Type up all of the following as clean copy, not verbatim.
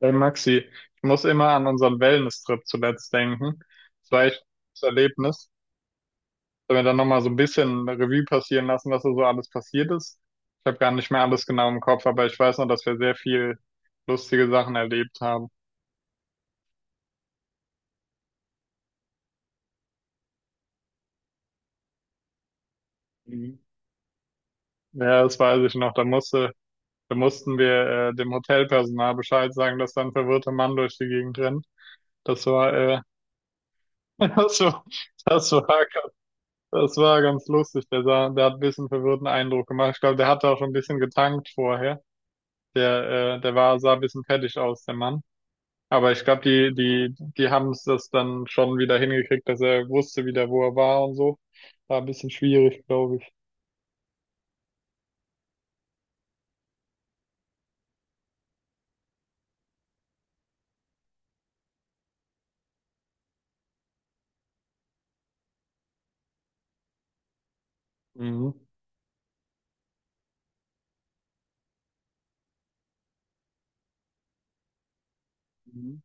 Hey Maxi, ich muss immer an unseren Wellness-Trip zuletzt denken. Das war echt ein gutes Erlebnis. Sollen wir dann nochmal so ein bisschen Revue passieren lassen, was da so alles passiert ist? Ich habe gar nicht mehr alles genau im Kopf, aber ich weiß noch, dass wir sehr viel lustige Sachen erlebt haben. Mhm. Ja, das weiß ich noch. Da mussten wir dem Hotelpersonal Bescheid sagen, dass da ein verwirrter Mann durch die Gegend rennt. Das war, das war, das war Das war ganz lustig. Der sah, der hat ein bisschen verwirrten Eindruck gemacht. Ich glaube, der hatte auch schon ein bisschen getankt vorher. Der sah ein bisschen fertig aus, der Mann. Aber ich glaube, die haben es das dann schon wieder hingekriegt, dass er wusste wieder, wo er war und so. War ein bisschen schwierig, glaube ich. Mhm. Mhm.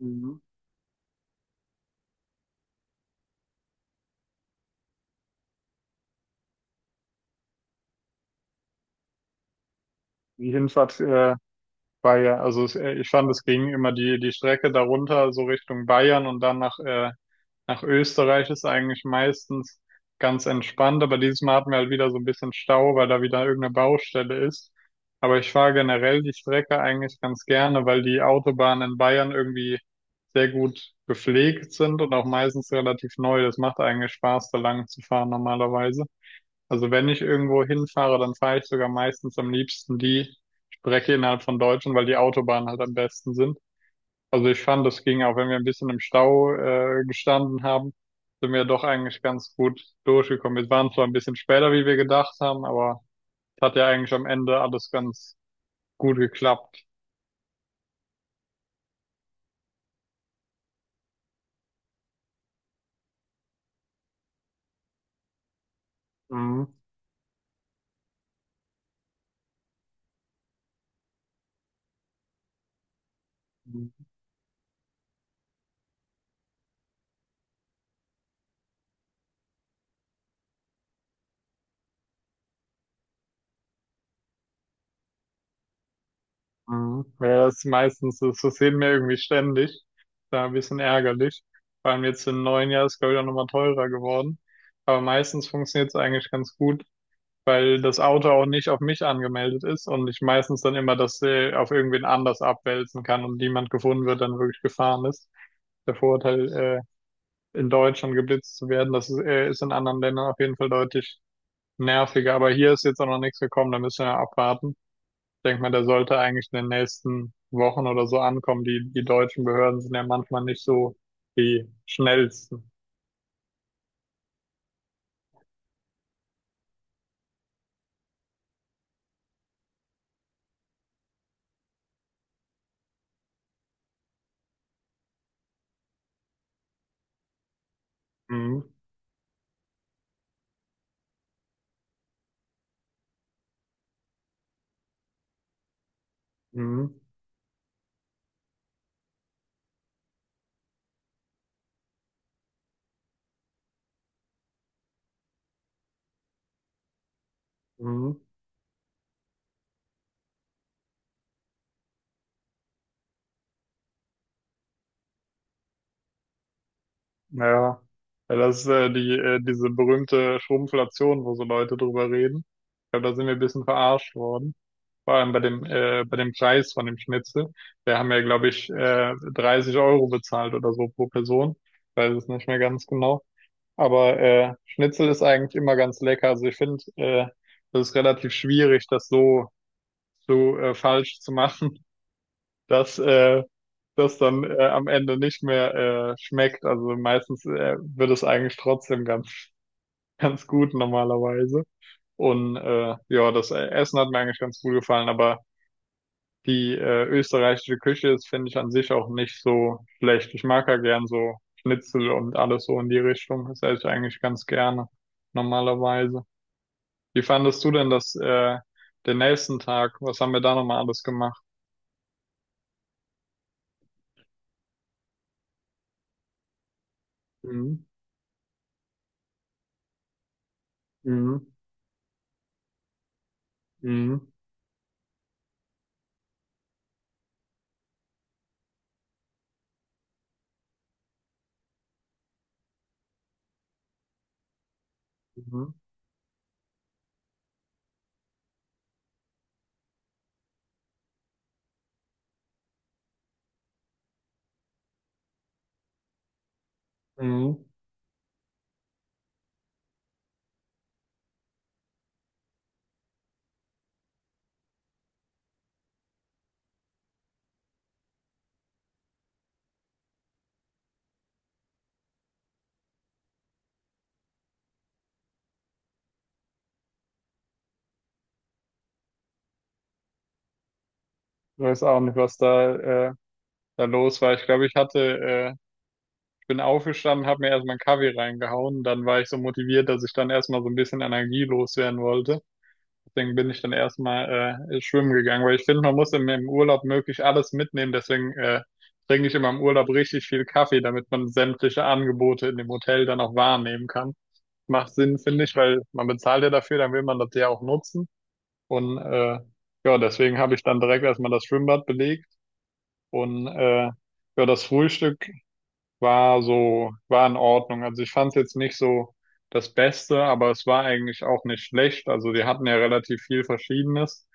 Mhm. Die Hinfahrt, war ja, also es, ich fand, es ging immer die Strecke darunter, so Richtung Bayern und dann nach Österreich ist eigentlich meistens ganz entspannt, aber dieses Mal hatten wir halt wieder so ein bisschen Stau, weil da wieder irgendeine Baustelle ist. Aber ich fahre generell die Strecke eigentlich ganz gerne, weil die Autobahnen in Bayern irgendwie sehr gut gepflegt sind und auch meistens relativ neu. Das macht eigentlich Spaß, da lang zu fahren normalerweise. Also wenn ich irgendwo hinfahre, dann fahre ich sogar meistens am liebsten die Strecke innerhalb von Deutschland, weil die Autobahnen halt am besten sind. Also ich fand, das ging auch, wenn wir ein bisschen im Stau gestanden haben, sind wir doch eigentlich ganz gut durchgekommen. Wir waren zwar ein bisschen später, wie wir gedacht haben, aber es hat ja eigentlich am Ende alles ganz gut geklappt. Mhm. Mhm. Ja, das ist meistens, das sehen wir irgendwie ständig. Da ein bisschen ärgerlich. Vor allem jetzt im neuen Jahr ist, glaube ich, auch nochmal teurer geworden. Aber meistens funktioniert es eigentlich ganz gut, weil das Auto auch nicht auf mich angemeldet ist und ich meistens dann immer das auf irgendwen anders abwälzen kann und niemand gefunden wird, dann wirklich gefahren ist. Der Vorteil, in Deutschland geblitzt zu werden, das ist in anderen Ländern auf jeden Fall deutlich nerviger. Aber hier ist jetzt auch noch nichts gekommen, da müssen wir abwarten. Ich denke mal, der sollte eigentlich in den nächsten Wochen oder so ankommen. Die deutschen Behörden sind ja manchmal nicht so die schnellsten. Mhm. Mhm. Mhm. Ja, Ja, das ist diese berühmte Schrumpflation, wo so Leute drüber reden. Ich glaube, da sind wir ein bisschen verarscht worden. Vor allem bei dem bei dem Preis von dem Schnitzel. Wir haben ja, glaube ich, 30 Euro bezahlt oder so pro Person. Ich weiß es nicht mehr ganz genau. Aber Schnitzel ist eigentlich immer ganz lecker. Also ich finde, das ist relativ schwierig, das so, so falsch zu machen, dass das dann am Ende nicht mehr schmeckt. Also meistens wird es eigentlich trotzdem ganz, ganz gut normalerweise. Und ja, das Essen hat mir eigentlich ganz gut gefallen, aber die österreichische Küche ist, finde ich, an sich auch nicht so schlecht. Ich mag ja gern so Schnitzel und alles so in die Richtung. Das esse ich eigentlich ganz gerne normalerweise. Wie fandest du denn das, den nächsten Tag? Was haben wir da nochmal alles gemacht? Mhm. Mhm. Mhm. Mhm. Mhm. Ich weiß auch nicht, was äh, da los war. Ich glaube, ich bin aufgestanden, habe mir erstmal einen Kaffee reingehauen. Dann war ich so motiviert, dass ich dann erstmal so ein bisschen Energie loswerden wollte. Deswegen bin ich dann erstmal schwimmen gegangen, weil ich finde, man muss im Urlaub möglich alles mitnehmen. Deswegen trinke ich immer im Urlaub richtig viel Kaffee, damit man sämtliche Angebote in dem Hotel dann auch wahrnehmen kann. Macht Sinn, finde ich, weil man bezahlt ja dafür, dann will man das ja auch nutzen. Und ja, deswegen habe ich dann direkt erstmal das Schwimmbad belegt. Und ja, das Frühstück war so, war in Ordnung. Also ich fand es jetzt nicht so das Beste, aber es war eigentlich auch nicht schlecht. Also die hatten ja relativ viel Verschiedenes.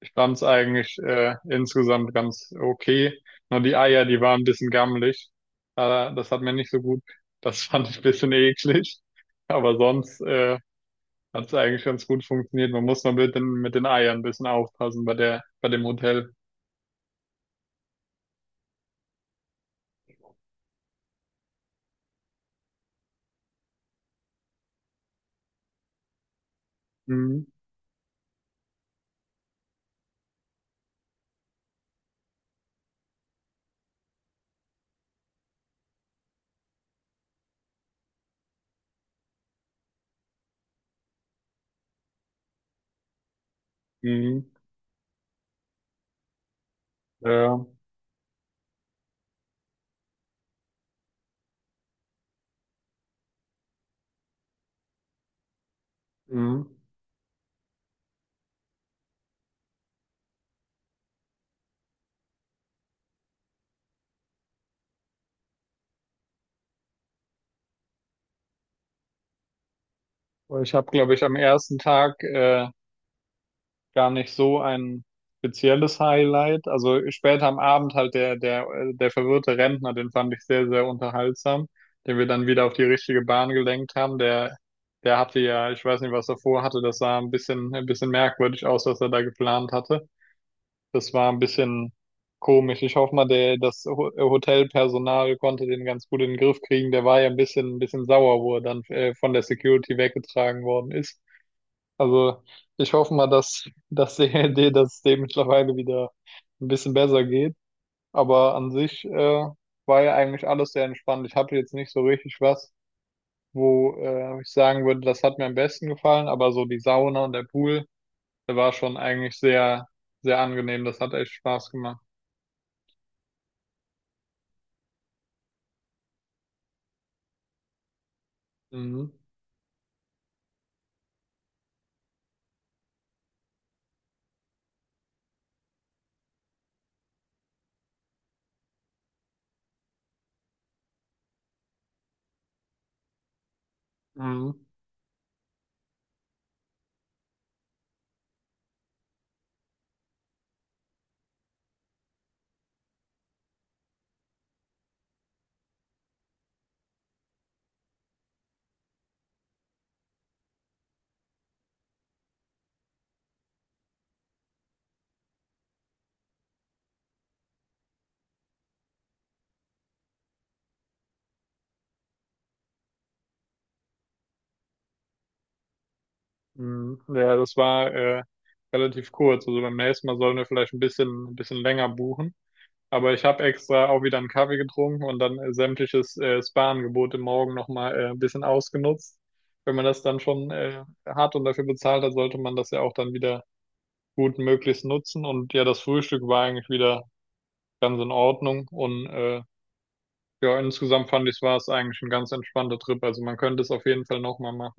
Ich fand es eigentlich insgesamt ganz okay. Nur die Eier, die waren ein bisschen gammelig. Das hat mir nicht so gut. Das fand ich ein bisschen eklig. Aber sonst hat es eigentlich ganz gut funktioniert. Man muss nur mit den Eiern ein bisschen aufpassen bei bei dem Hotel. Mhm. Mhm. Ja. Mhm. Ich habe, glaube ich, am ersten Tag gar nicht so ein spezielles Highlight. Also später am Abend halt der verwirrte Rentner, den fand ich sehr, sehr unterhaltsam, den wir dann wieder auf die richtige Bahn gelenkt haben. Der hatte ja, ich weiß nicht, was er vorhatte, das sah ein bisschen merkwürdig aus, was er da geplant hatte. Das war ein bisschen komisch. Ich hoffe mal, das Hotelpersonal konnte den ganz gut in den Griff kriegen. Der war ja ein bisschen sauer, wo er dann von der Security weggetragen worden ist. Also ich hoffe mal, dass die Idee, dass es dem mittlerweile wieder ein bisschen besser geht. Aber an sich war ja eigentlich alles sehr entspannt. Ich hatte jetzt nicht so richtig was, wo ich sagen würde, das hat mir am besten gefallen. Aber so die Sauna und der Pool, der war schon eigentlich sehr, sehr angenehm. Das hat echt Spaß gemacht. Mhm. Mhm. Mhm. Ja, das war relativ kurz. Also beim nächsten Mal sollen wir vielleicht ein bisschen länger buchen. Aber ich habe extra auch wieder einen Kaffee getrunken und dann sämtliches Spa-Angebot im Morgen nochmal ein bisschen ausgenutzt. Wenn man das dann schon hat und dafür bezahlt hat, sollte man das ja auch dann wieder gut möglichst nutzen. Und ja, das Frühstück war eigentlich wieder ganz in Ordnung. Und ja, insgesamt fand ich, war es eigentlich ein ganz entspannter Trip. Also man könnte es auf jeden Fall nochmal machen.